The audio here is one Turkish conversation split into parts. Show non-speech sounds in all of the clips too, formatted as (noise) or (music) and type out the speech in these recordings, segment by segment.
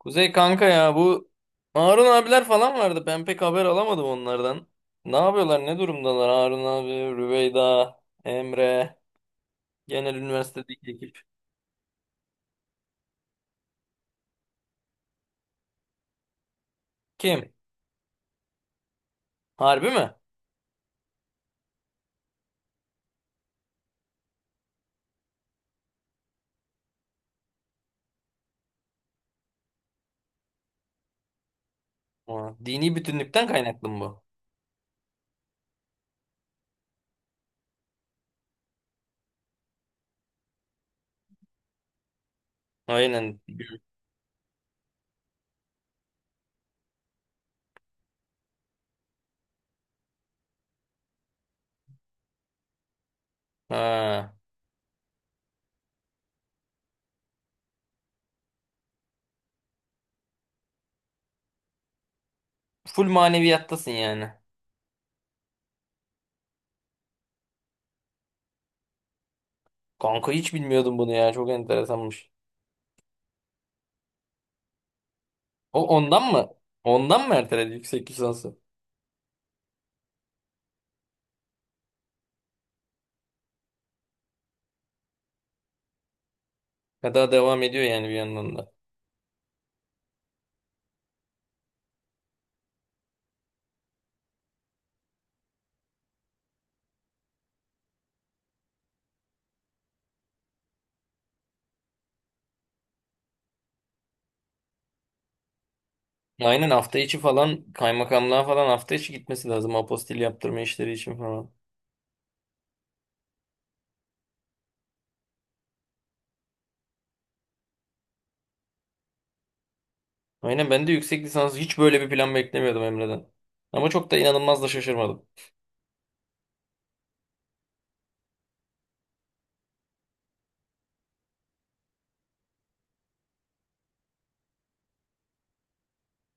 Kuzey kanka, ya bu Harun abiler falan vardı. Ben pek haber alamadım onlardan. Ne yapıyorlar? Ne durumdalar? Harun abi, Rüveyda, Emre, genel üniversitedeki ekip. Kim? Harbi mi? Ha, dini bütünlükten kaynaklı mı bu? Aynen. Ha. Full maneviyattasın yani. Kanka, hiç bilmiyordum bunu ya. Çok enteresanmış. O ondan mı? Ondan mı erteledi yüksek lisansı? Ya daha devam ediyor yani bir yandan da. Aynen, hafta içi falan kaymakamlığa falan hafta içi gitmesi lazım apostil yaptırma işleri için falan. Aynen, ben de yüksek lisans hiç böyle bir plan beklemiyordum Emre'den. Ama çok da inanılmaz da şaşırmadım.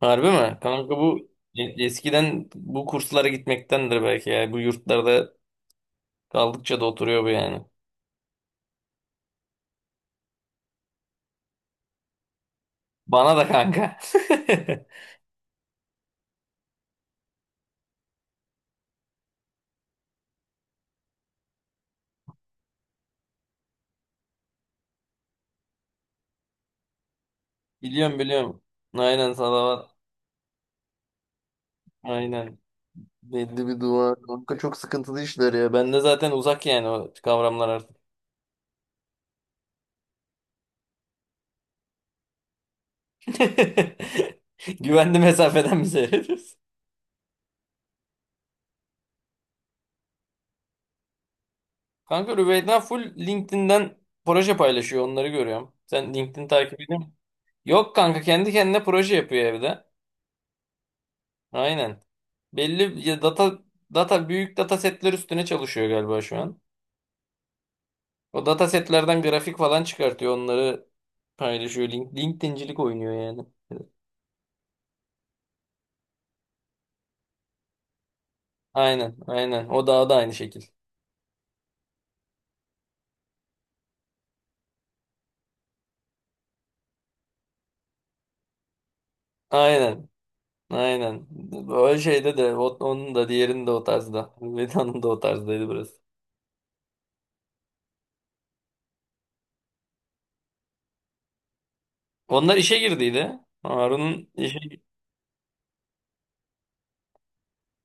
Harbi mi? Kanka, bu eskiden bu kurslara gitmektendir belki ya. Bu yurtlarda kaldıkça da oturuyor bu yani. Bana da kanka. (laughs) Biliyorum, biliyorum. Aynen, salavat. Aynen. Belli bir dua. Kanka, çok sıkıntılı işler ya. Ben de zaten uzak yani o kavramlar artık. (laughs) Güvenli mesafeden mi seyrediyorsun? Kanka, Rüveyda full LinkedIn'den proje paylaşıyor. Onları görüyorum. Sen LinkedIn takip ediyor musun? Yok kanka, kendi kendine proje yapıyor evde. Aynen. Belli ya, data büyük data setler üstüne çalışıyor galiba şu an. O data setlerden grafik falan çıkartıyor. Onları paylaşıyor. Link, LinkedIn'cilik oynuyor yani. Aynen, aynen. O daha da aynı şekil. Aynen. Aynen. Öyle şeyde de onun da diğerinin de o tarzda. Veda'nın da o tarzdaydı burası. Onlar işe girdiydi. Harun'un işe,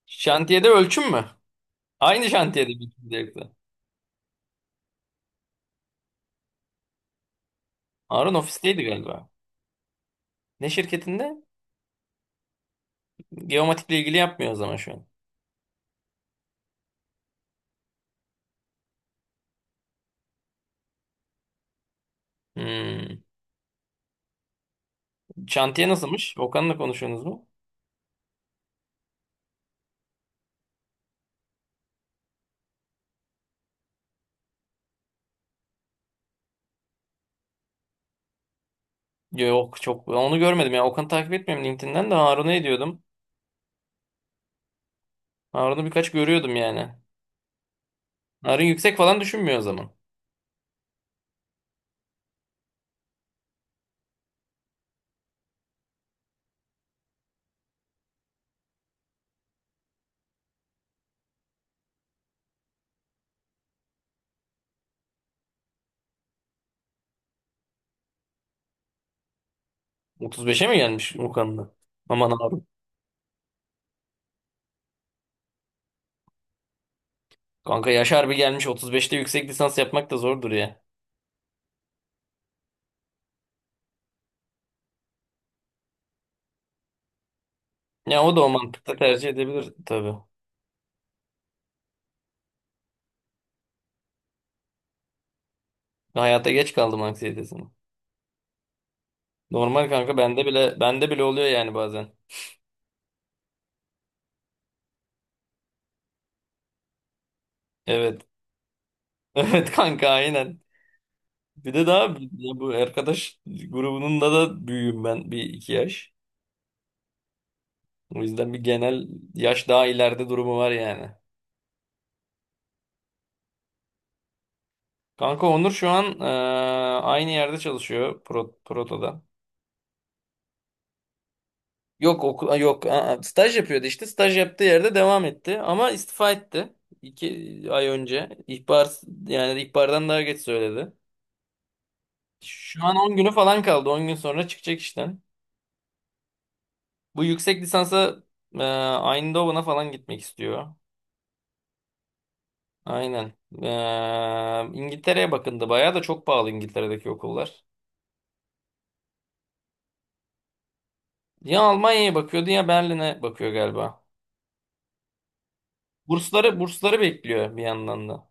şantiyede ölçüm mü? Aynı şantiyede mi ikiniz de yoksa? Harun ofisteydi galiba. Ne şirketinde? Geomatikle ilgili yapmıyor o zaman şu an. Hmm. Şantiye nasılmış? Okan'la konuşuyorsunuz mu? Yok, çok, ben onu görmedim ya. Okan'ı takip etmiyorum LinkedIn'den, de Harun'u ediyordum. Harun'u birkaç görüyordum yani. Harun yüksek falan düşünmüyor o zaman. 35'e mi gelmiş Okan'la? Aman Harun. Kanka yaş harbi gelmiş, 35'te yüksek lisans yapmak da zordur ya. Ya o da o mantıkta tercih edebilir tabii. Hayata geç kaldım anksiyetesini. Normal kanka, bende bile oluyor yani bazen. Evet. (laughs) Evet kanka, aynen. Bir de daha ya bu arkadaş grubunun da büyüğüm ben bir iki yaş. O yüzden bir genel yaş daha ileride durumu var yani. Kanka Onur şu an aynı yerde çalışıyor Proto'da. Yok okul yok staj yapıyordu, işte staj yaptığı yerde devam etti ama istifa etti iki ay önce, ihbar yani ihbardan daha geç söyledi. Şu an 10 günü falan kaldı, 10 gün sonra çıkacak işten. Bu yüksek lisansa e, Eindhoven'a falan gitmek istiyor. Aynen. İngiltere'ye bakındı bayağı, da çok pahalı İngiltere'deki okullar. Ya Almanya'ya bakıyordu, ya Berlin'e bakıyor galiba. Bursları, bursları bekliyor bir yandan da.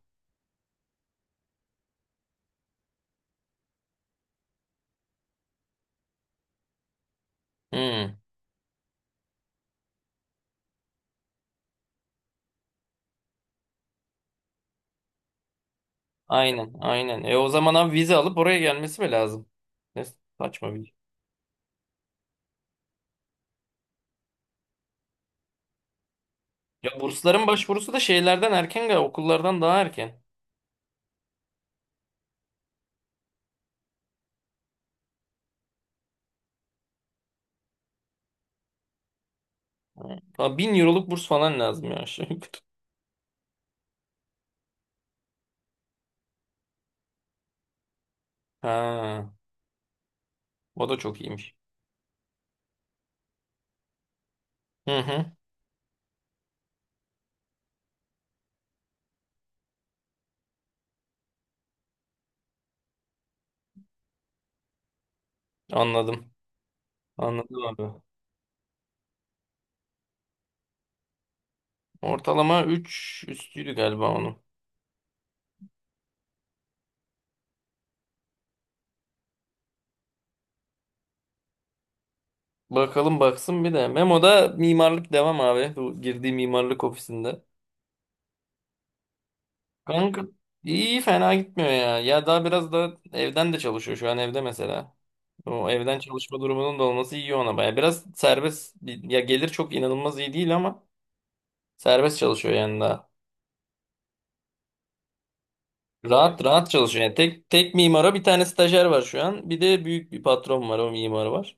Hmm. Aynen, aynen. E o zaman abi, vize alıp oraya gelmesi mi lazım? Ne saçma bir. Ya bursların başvurusu da şeylerden erken galiba, okullardan daha erken. Ha, 1000 euroluk burs falan lazım ya, (laughs) aşağı yukarı. Ha, o da çok iyiymiş. Hı hı, anladım. Anladım abi. Ortalama 3 üstüydü galiba onun. Bakalım, baksın bir de. Memo'da mimarlık devam abi. Bu girdiği mimarlık ofisinde. Kanka iyi, fena gitmiyor ya. Ya daha biraz da evden de çalışıyor şu an, evde mesela. O evden çalışma durumunun da olması iyi ona baya. Biraz serbest ya, gelir çok inanılmaz iyi değil ama serbest çalışıyor yani daha. Rahat rahat çalışıyor yani, tek tek mimara bir tane stajyer var şu an. Bir de büyük bir patron var, o mimar var.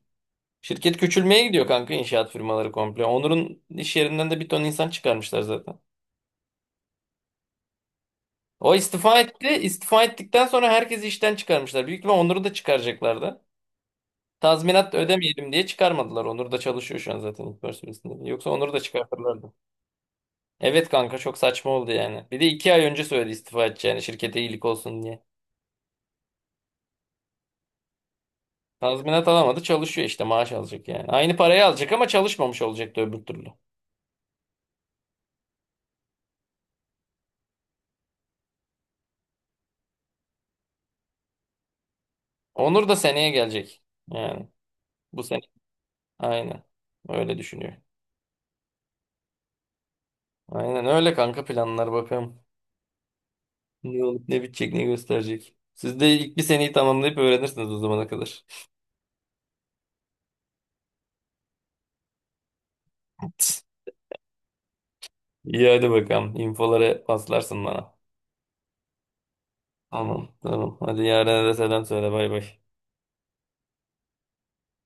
Şirket küçülmeye gidiyor kanka, inşaat firmaları komple. Onur'un iş yerinden de bir ton insan çıkarmışlar zaten. O istifa etti. İstifa ettikten sonra herkesi işten çıkarmışlar. Büyük ihtimal Onur'u da çıkaracaklardı. Tazminat ödemeyelim diye çıkarmadılar. Onur da çalışıyor şu an zaten ilk personelinde. Yoksa Onur'u da çıkartırlardı. Evet kanka, çok saçma oldu yani. Bir de iki ay önce söyledi istifa edeceğini şirkete iyilik olsun diye. Tazminat alamadı, çalışıyor işte, maaş alacak yani. Aynı parayı alacak ama çalışmamış olacaktı öbür türlü. Onur da seneye gelecek. Yani bu sene. Aynen. Öyle düşünüyor. Aynen öyle kanka, planlar bakalım. Ne olup ne bitecek, ne gösterecek. Siz de ilk bir seneyi tamamlayıp öğrenirsiniz o zamana kadar. (laughs) İyi hadi bakalım. İnfoları paslarsın bana. Tamam, tamam. Hadi, yarın da selam söyle, bay bay.